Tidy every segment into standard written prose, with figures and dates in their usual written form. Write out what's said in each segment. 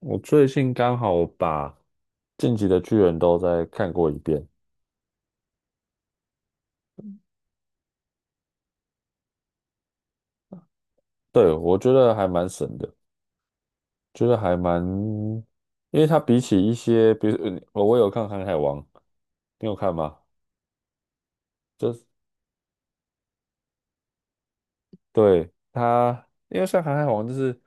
我最近刚好把《晋级的巨人》都再看过一遍，对，我觉得还蛮神的，觉得还蛮，因为它比起一些，比如我有看《航海王》，你有看吗？就是对它，因为像《航海王》，就是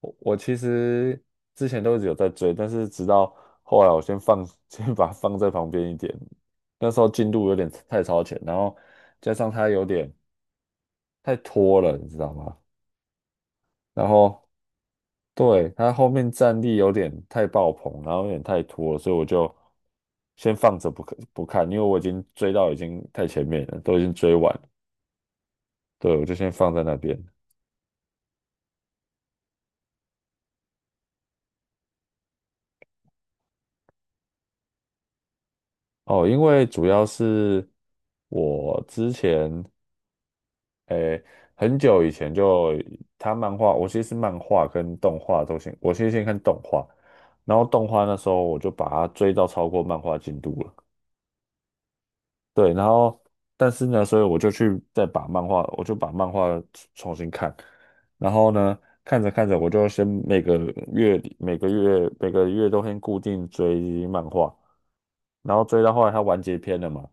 我其实之前都一直有在追，但是直到后来我先放，先把它放在旁边一点，那时候进度有点太超前，然后加上它有点太拖了，你知道吗？然后。对，他后面战力有点太爆棚，然后有点太拖了所以我就先放着不看不看，因为我已经追到已经太前面了，都已经追完了对，我就先放在那边。哦，因为主要是我之前诶、很久以前就他漫画，我其实是漫画跟动画都先，我先看动画，然后动画那时候我就把它追到超过漫画进度了。对，然后但是呢，所以我就去再把漫画，我就把漫画重新看，然后呢，看着看着，我就先每个月里每个月每个月都先固定追漫画，然后追到后来它完结篇了嘛，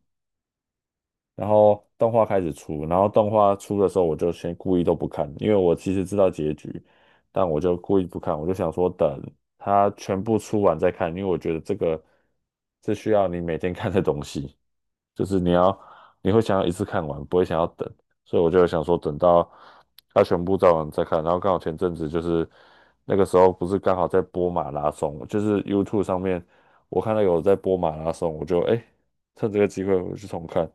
然后动画开始出，然后动画出的时候，我就先故意都不看，因为我其实知道结局，但我就故意不看，我就想说等它全部出完再看，因为我觉得这个是需要你每天看的东西。就是你要你会想要一次看完，不会想要等，所以我就想说等到它全部照完再看。然后刚好前阵子就是那个时候不是刚好在播马拉松，就是 YouTube 上面我看到有在播马拉松，我就趁这个机会我去重看。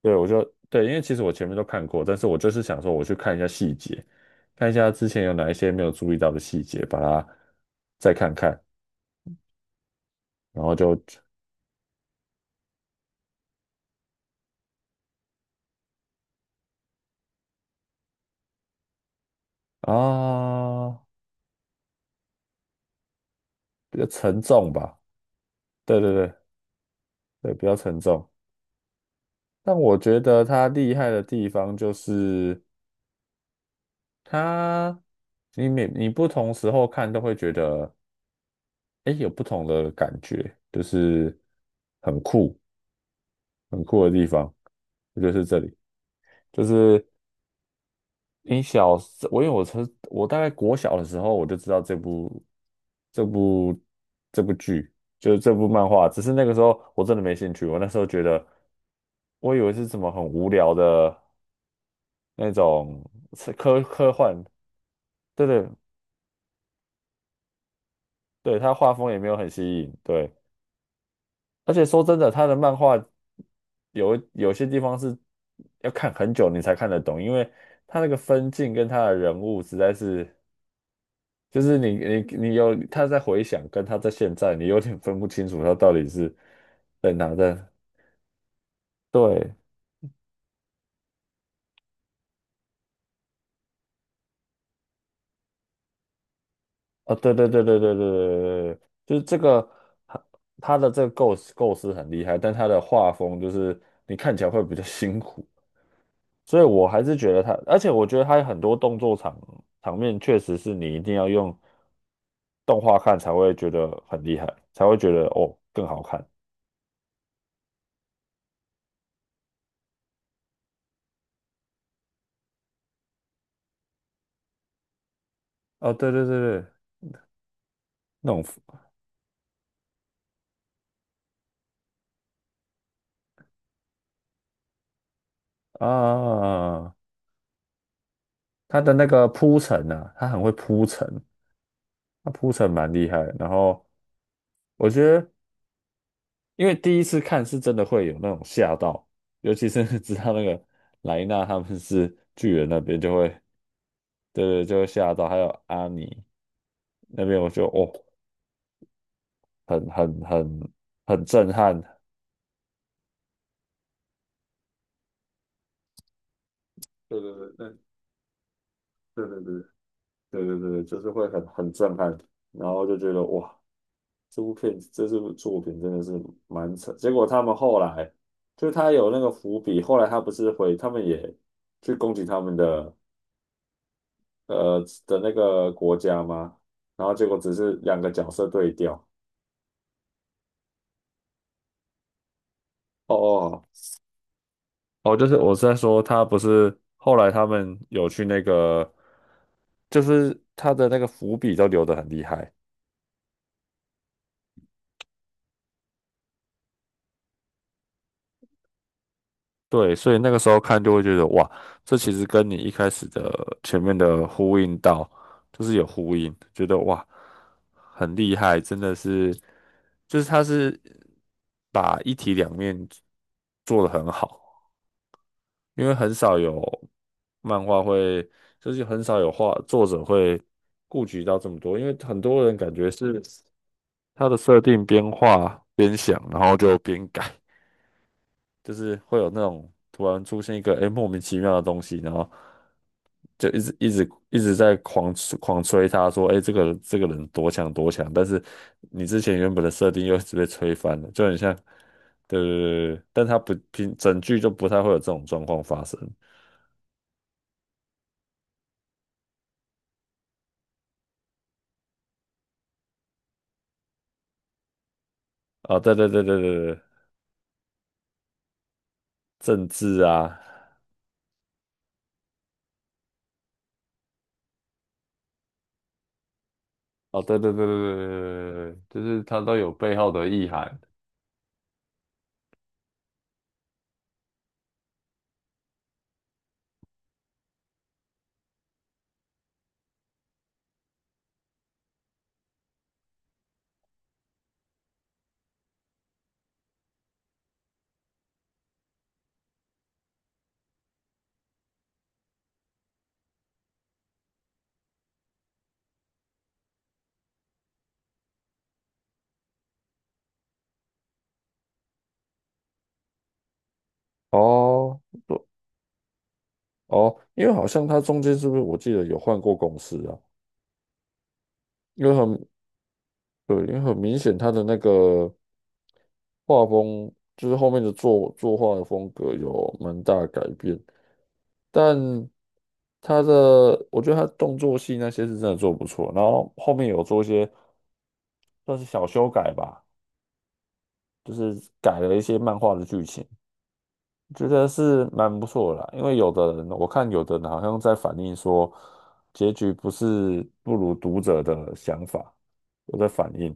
对，我就对，因为其实我前面都看过，但是我就是想说我去看一下细节，看一下之前有哪一些没有注意到的细节，把它再看看，然后就啊比较沉重吧。对对对。对，比较沉重。但我觉得它厉害的地方就是它，你每你不同时候看都会觉得，哎，有不同的感觉，就是很酷，很酷的地方，就是这里。就是你小时，我因为我从我大概国小的时候我就知道这部这部剧，就是这部漫画，只是那个时候我真的没兴趣，我那时候觉得，我以为是什么很无聊的。那种是科幻，对对对，他画风也没有很吸引，对，而且说真的，他的漫画有有些地方是要看很久你才看得懂，因为他那个分镜跟他的人物实在是，就是你有他在回想跟他在现在，你有点分不清楚他到底是在哪的，对，啊，对对对对对对对对，就是这个。他他的这个构思很厉害，但他的画风就是你看起来会比较辛苦。所以我还是觉得他，而且我觉得他很多动作场面确实是你一定要用动画看才会觉得很厉害，才会觉得哦更好看哦，对对对对，那种啊，他的那个铺陈啊，他很会铺陈，他铺陈蛮厉害的然后我觉得，因为第一次看是真的会有那种吓到，尤其是 知道那个莱纳他们是巨人那边就会，对对，就会吓到，还有阿尼那边我就哦很很很很震撼。对对对，对对对对对对对，就是会很很震撼，然后就觉得哇，这部片这部作品真的是蛮扯。结果他们后来就他有那个伏笔，后来他不是回他们也去攻击他们的呃的那个国家吗？然后结果只是两个角色对调。哦哦，哦，就是我是在说，他不是后来他们有去那个，就是他的那个伏笔都留得很厉害。对，所以那个时候看就会觉得哇，这其实跟你一开始的前面的呼应到，就是有呼应，觉得哇，很厉害，真的是，就是他是把一体两面做的很好，因为很少有漫画会，就是很少有画作者会顾及到这么多，因为很多人感觉是他的设定边画边想，然后就边改。就是会有那种突然出现一个莫名其妙的东西，然后就一直一直一直在狂吹他说，这个人多强多强，但是你之前原本的设定又一直被吹翻了，就很像，对对对对，对但他不平整剧就不太会有这种状况发生啊、对对对对对对，政治啊，哦对对对对对对对，对就是他都有背后的意涵。哦哦，因为好像他中间是不是我记得有换过公司啊？因为他们对，因为很明显，他的那个画风，就是后面的作画的风格有蛮大的改变，但他的，我觉得他动作戏那些是真的做得不错，然后后面有做一些算是小修改吧，就是改了一些漫画的剧情，觉得是蛮不错的啦。因为有的人，我看有的人好像在反映说，结局不是不如读者的想法，有在反映，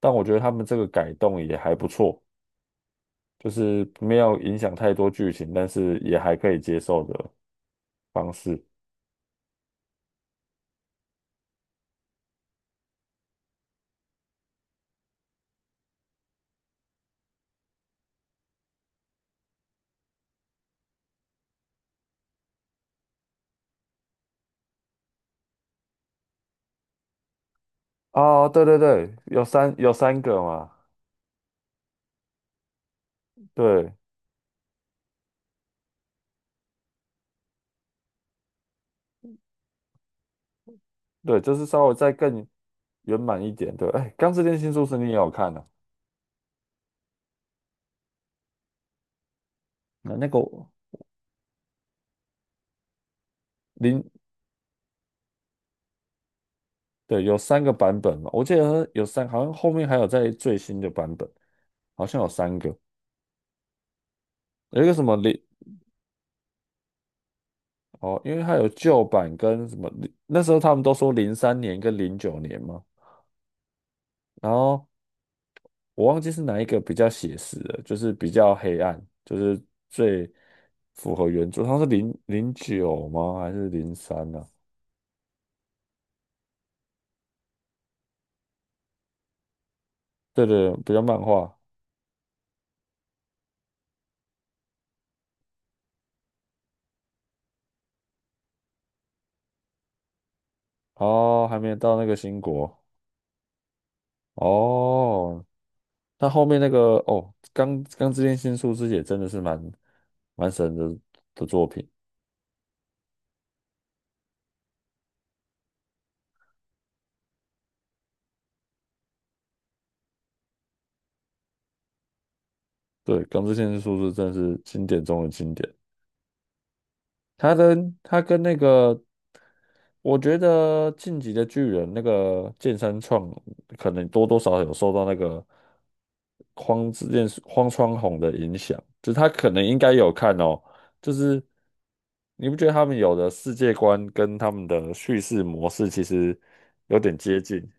但我觉得他们这个改动也还不错。就是没有影响太多剧情，但是也还可以接受的方式。哦，对对对，有三个嘛，对对，就是稍微再更圆满一点。对，哎，《钢之炼金术师》你也有看啊？那那个我零，对，有三个版本嘛，我记得有三，好像后面还有在最新的版本，好像有三个，有一个什么零，哦，因为它有旧版跟什么零，那时候他们都说零三年跟零九年嘛。然后我忘记是哪一个比较写实的，就是比较黑暗，就是最符合原著。它是零零九吗？还是零三呢？对对，比较漫画。哦，还没有到那个新国。哦，那后面那个哦，钢之炼金术师也真的是蛮神的作品。对，钢之炼金术师真的是经典中的经典。他跟他跟那个我觉得《进击的巨人》那个剑山创可能多多少少有受到那个荒之剑荒川弘的影响，就是他可能应该有看哦，就是你不觉得他们有的世界观跟他们的叙事模式其实有点接近？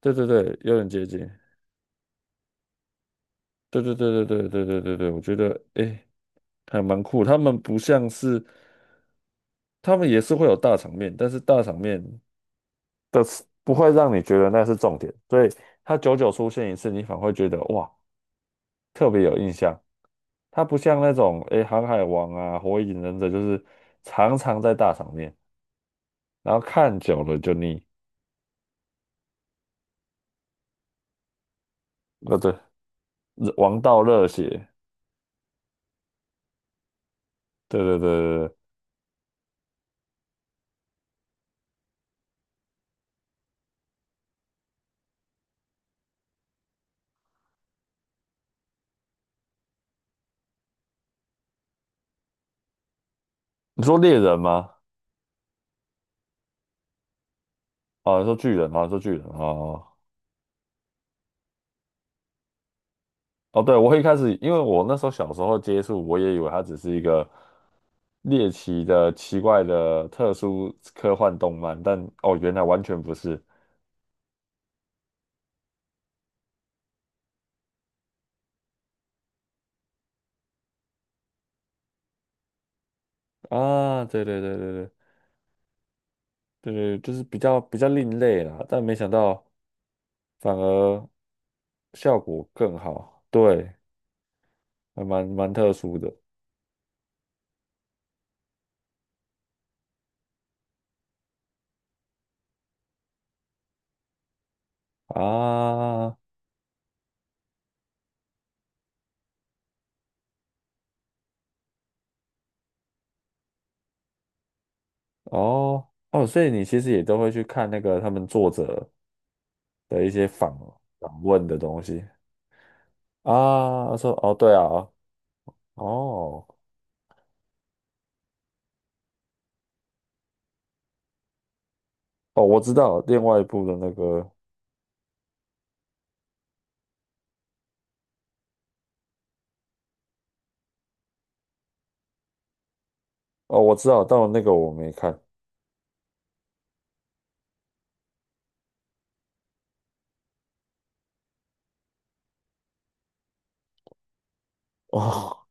对对对，有点接近。对对对对对对对对对，我觉得诶还蛮酷。他们不像是，他们也是会有大场面，但是大场面的是不会让你觉得那是重点，所以它久久出现一次，你反而会觉得哇特别有印象。它不像那种诶《航海王》啊《火影忍者》，就是常常在大场面，然后看久了就腻。呃，对，王道热血，对对对对对。你说猎人吗？哦，你说巨人吗？你说巨人哦哦，对，我一开始因为我那时候小时候接触，我也以为它只是一个猎奇的、奇怪的、特殊科幻动漫，但哦，原来完全不是。啊，对对对对对对对，就是比较另类啦，但没想到反而效果更好，对，还蛮特殊的啊，哦哦，所以你其实也都会去看那个他们作者的一些访问的东西啊，说哦对啊，哦哦，我知道另外一部的那个，哦我知道，但那个我没看，哦，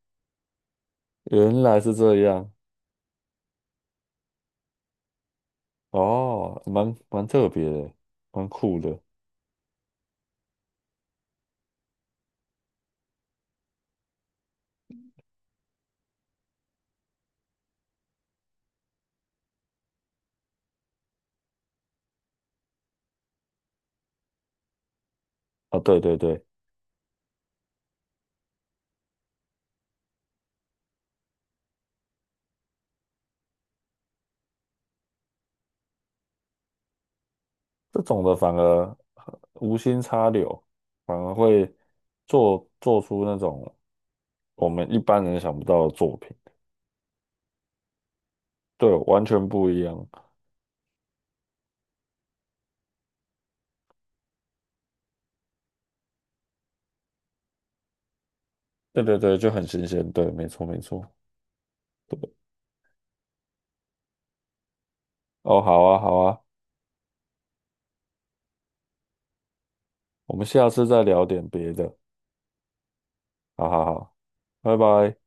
原来是这样，哦，蛮特别的，蛮酷的。啊，对对对，这种的反而无心插柳，反而会做出那种我们一般人想不到的作品，对，完全不一样。对对对，就很新鲜。对，没错没错。对，哦，好啊好啊，我们下次再聊点别的。好好好，拜拜。